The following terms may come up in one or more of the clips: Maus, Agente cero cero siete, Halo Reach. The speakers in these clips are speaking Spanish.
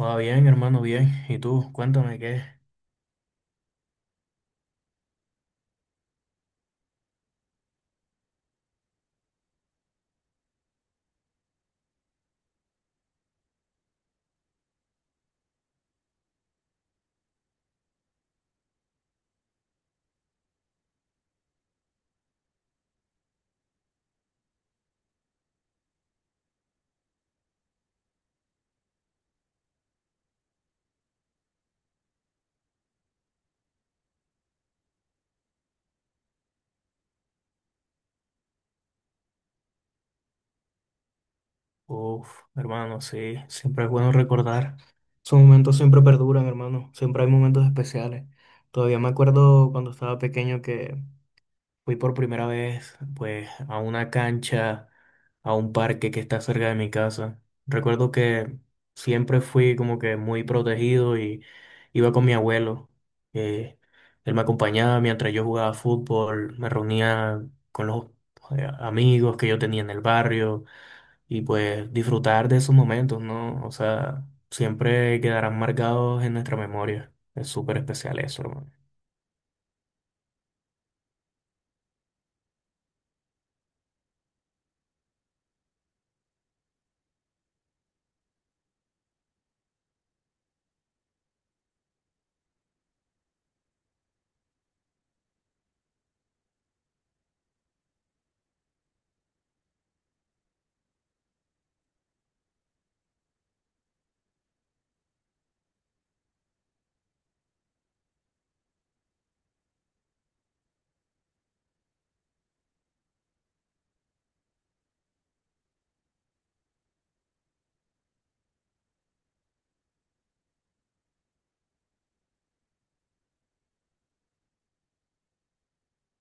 Va bien, hermano, bien. ¿Y tú? Cuéntame qué. Uf, hermano, sí, siempre es bueno recordar. Esos momentos siempre perduran, hermano. Siempre hay momentos especiales. Todavía me acuerdo cuando estaba pequeño que fui por primera vez, pues, a una cancha, a un parque que está cerca de mi casa. Recuerdo que siempre fui como que muy protegido y iba con mi abuelo. eh, Él me acompañaba mientras yo jugaba fútbol, me reunía con los amigos que yo tenía en el barrio y pues disfrutar de esos momentos, ¿no? O sea, siempre quedarán marcados en nuestra memoria. Es súper especial eso, hermano.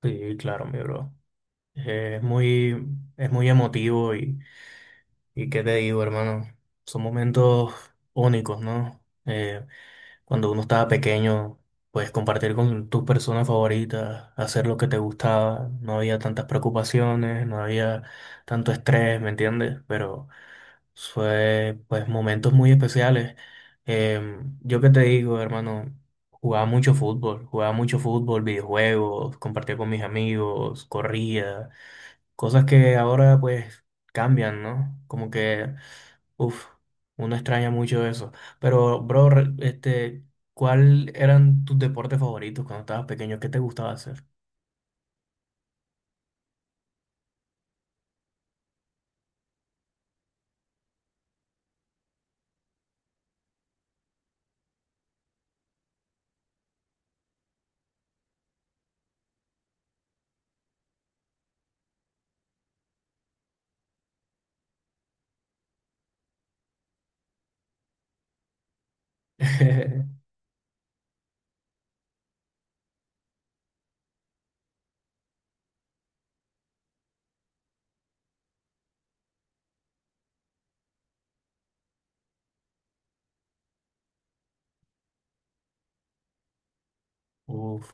Sí, claro, mi bro. Es muy, es muy emotivo y qué te digo, hermano, son momentos únicos, ¿no? Cuando uno estaba pequeño, pues compartir con tus personas favoritas, hacer lo que te gustaba, no había tantas preocupaciones, no había tanto estrés, ¿me entiendes? Pero fue, pues, momentos muy especiales. Yo qué te digo, hermano, jugaba mucho fútbol, videojuegos, compartía con mis amigos, corría. Cosas que ahora pues cambian, ¿no? Como que, uff, uno extraña mucho eso. Pero, bro, ¿cuál eran tus deportes favoritos cuando estabas pequeño? ¿Qué te gustaba hacer? Uf.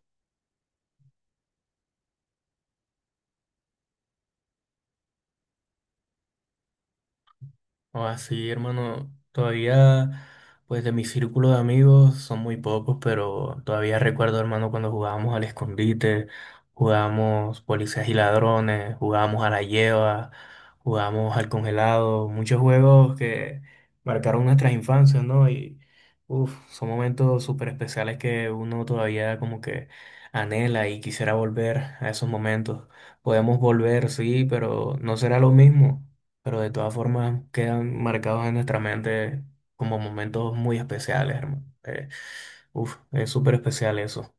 O así, hermano, todavía, pues de mi círculo de amigos son muy pocos, pero todavía recuerdo, hermano, cuando jugábamos al escondite, jugábamos policías y ladrones, jugábamos a la lleva, jugábamos al congelado, muchos juegos que marcaron nuestras infancias, ¿no? Y, uff, son momentos súper especiales que uno todavía como que anhela y quisiera volver a esos momentos. Podemos volver, sí, pero no será lo mismo, pero de todas formas quedan marcados en nuestra mente como momentos muy especiales, hermano. Uf, es súper especial eso.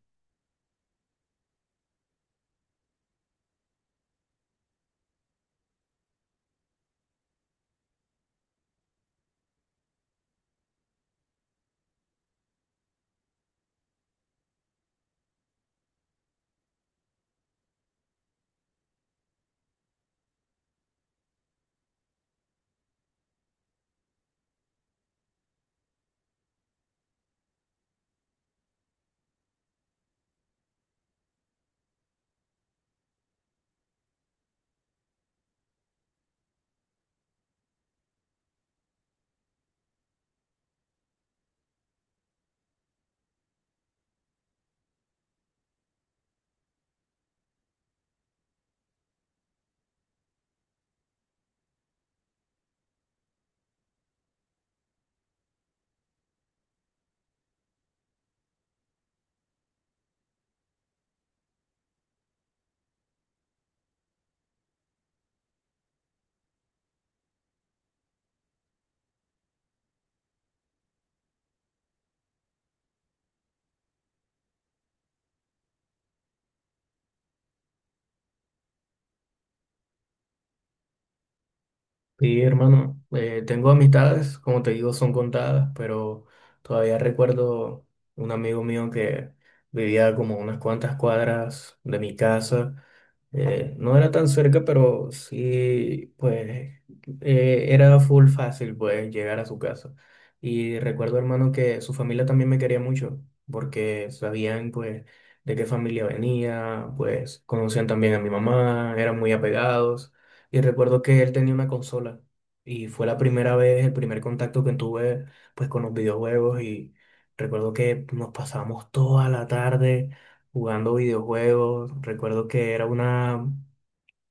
Sí, hermano, tengo amistades, como te digo, son contadas, pero todavía recuerdo un amigo mío que vivía como unas cuantas cuadras de mi casa. No era tan cerca, pero sí, pues era full fácil, pues, llegar a su casa. Y recuerdo, hermano, que su familia también me quería mucho, porque sabían, pues, de qué familia venía, pues, conocían también a mi mamá, eran muy apegados. Y recuerdo que él tenía una consola y fue la primera vez, el primer contacto que tuve, pues, con los videojuegos y recuerdo que nos pasábamos toda la tarde jugando videojuegos. Recuerdo que era una,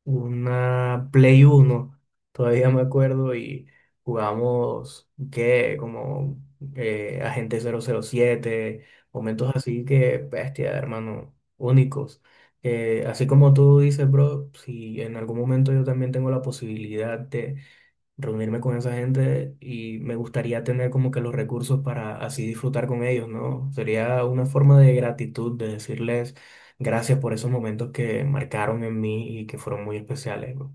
una Play 1, todavía me acuerdo, y jugamos, ¿qué? Como Agente 007. Momentos así que, bestia, hermano, únicos. Así como tú dices, bro, si en algún momento yo también tengo la posibilidad reunirme con esa gente y me gustaría tener como que los recursos para así disfrutar con ellos, ¿no? Sería una forma de gratitud, de decirles gracias por esos momentos que marcaron en mí y que fueron muy especiales, ¿no?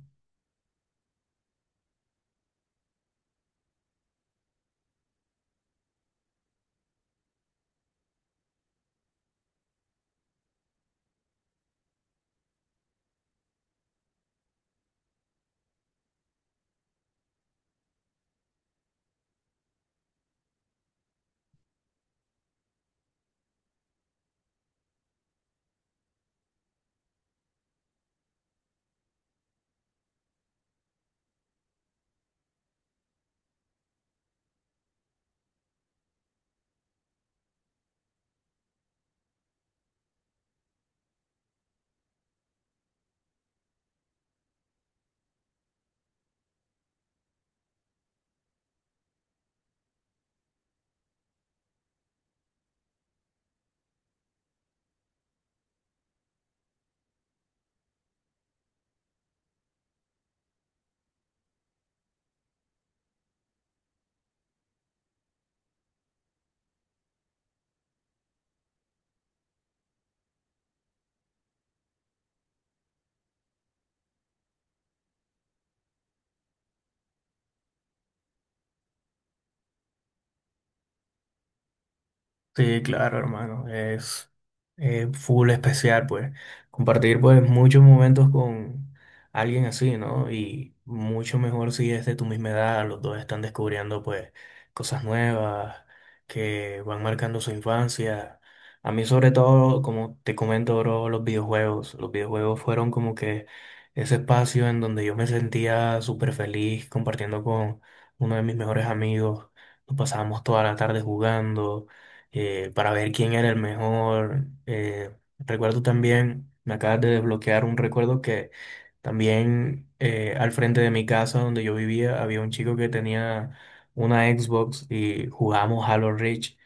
Sí, claro, hermano, es full especial, pues, compartir, pues, muchos momentos con alguien así, ¿no? Y mucho mejor si es de tu misma edad, los dos están descubriendo, pues, cosas nuevas que van marcando su infancia. A mí, sobre todo, como te comento, bro, los videojuegos fueron como que ese espacio en donde yo me sentía súper feliz compartiendo con uno de mis mejores amigos, nos pasábamos toda la tarde jugando para ver quién era el mejor. Recuerdo también, me acabas de desbloquear un recuerdo que también al frente de mi casa donde yo vivía había un chico que tenía una Xbox y jugamos Halo Reach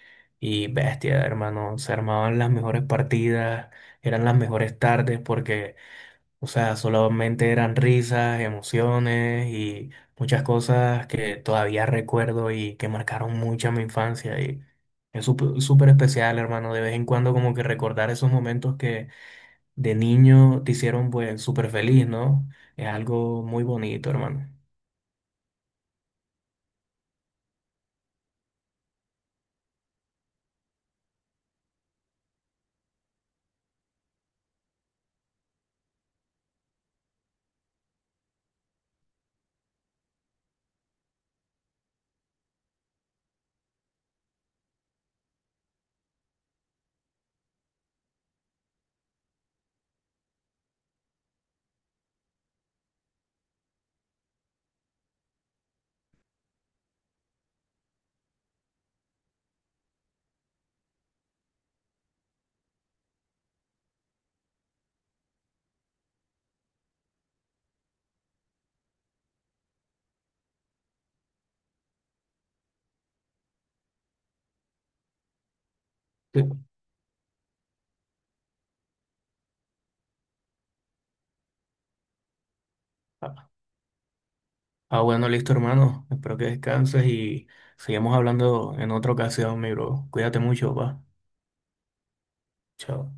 y, bestia, hermano, se armaban las mejores partidas, eran las mejores tardes porque, o sea, solamente eran risas, emociones y muchas cosas que todavía recuerdo y que marcaron mucho mi infancia. Y es súper especial, hermano, de vez en cuando como que recordar esos momentos que de niño te hicieron pues súper feliz, ¿no? Es algo muy bonito, hermano. Sí. Ah, ah, bueno, listo, hermano. Espero que descanses y sigamos hablando en otra ocasión, mi bro. Cuídate mucho, va. Chao.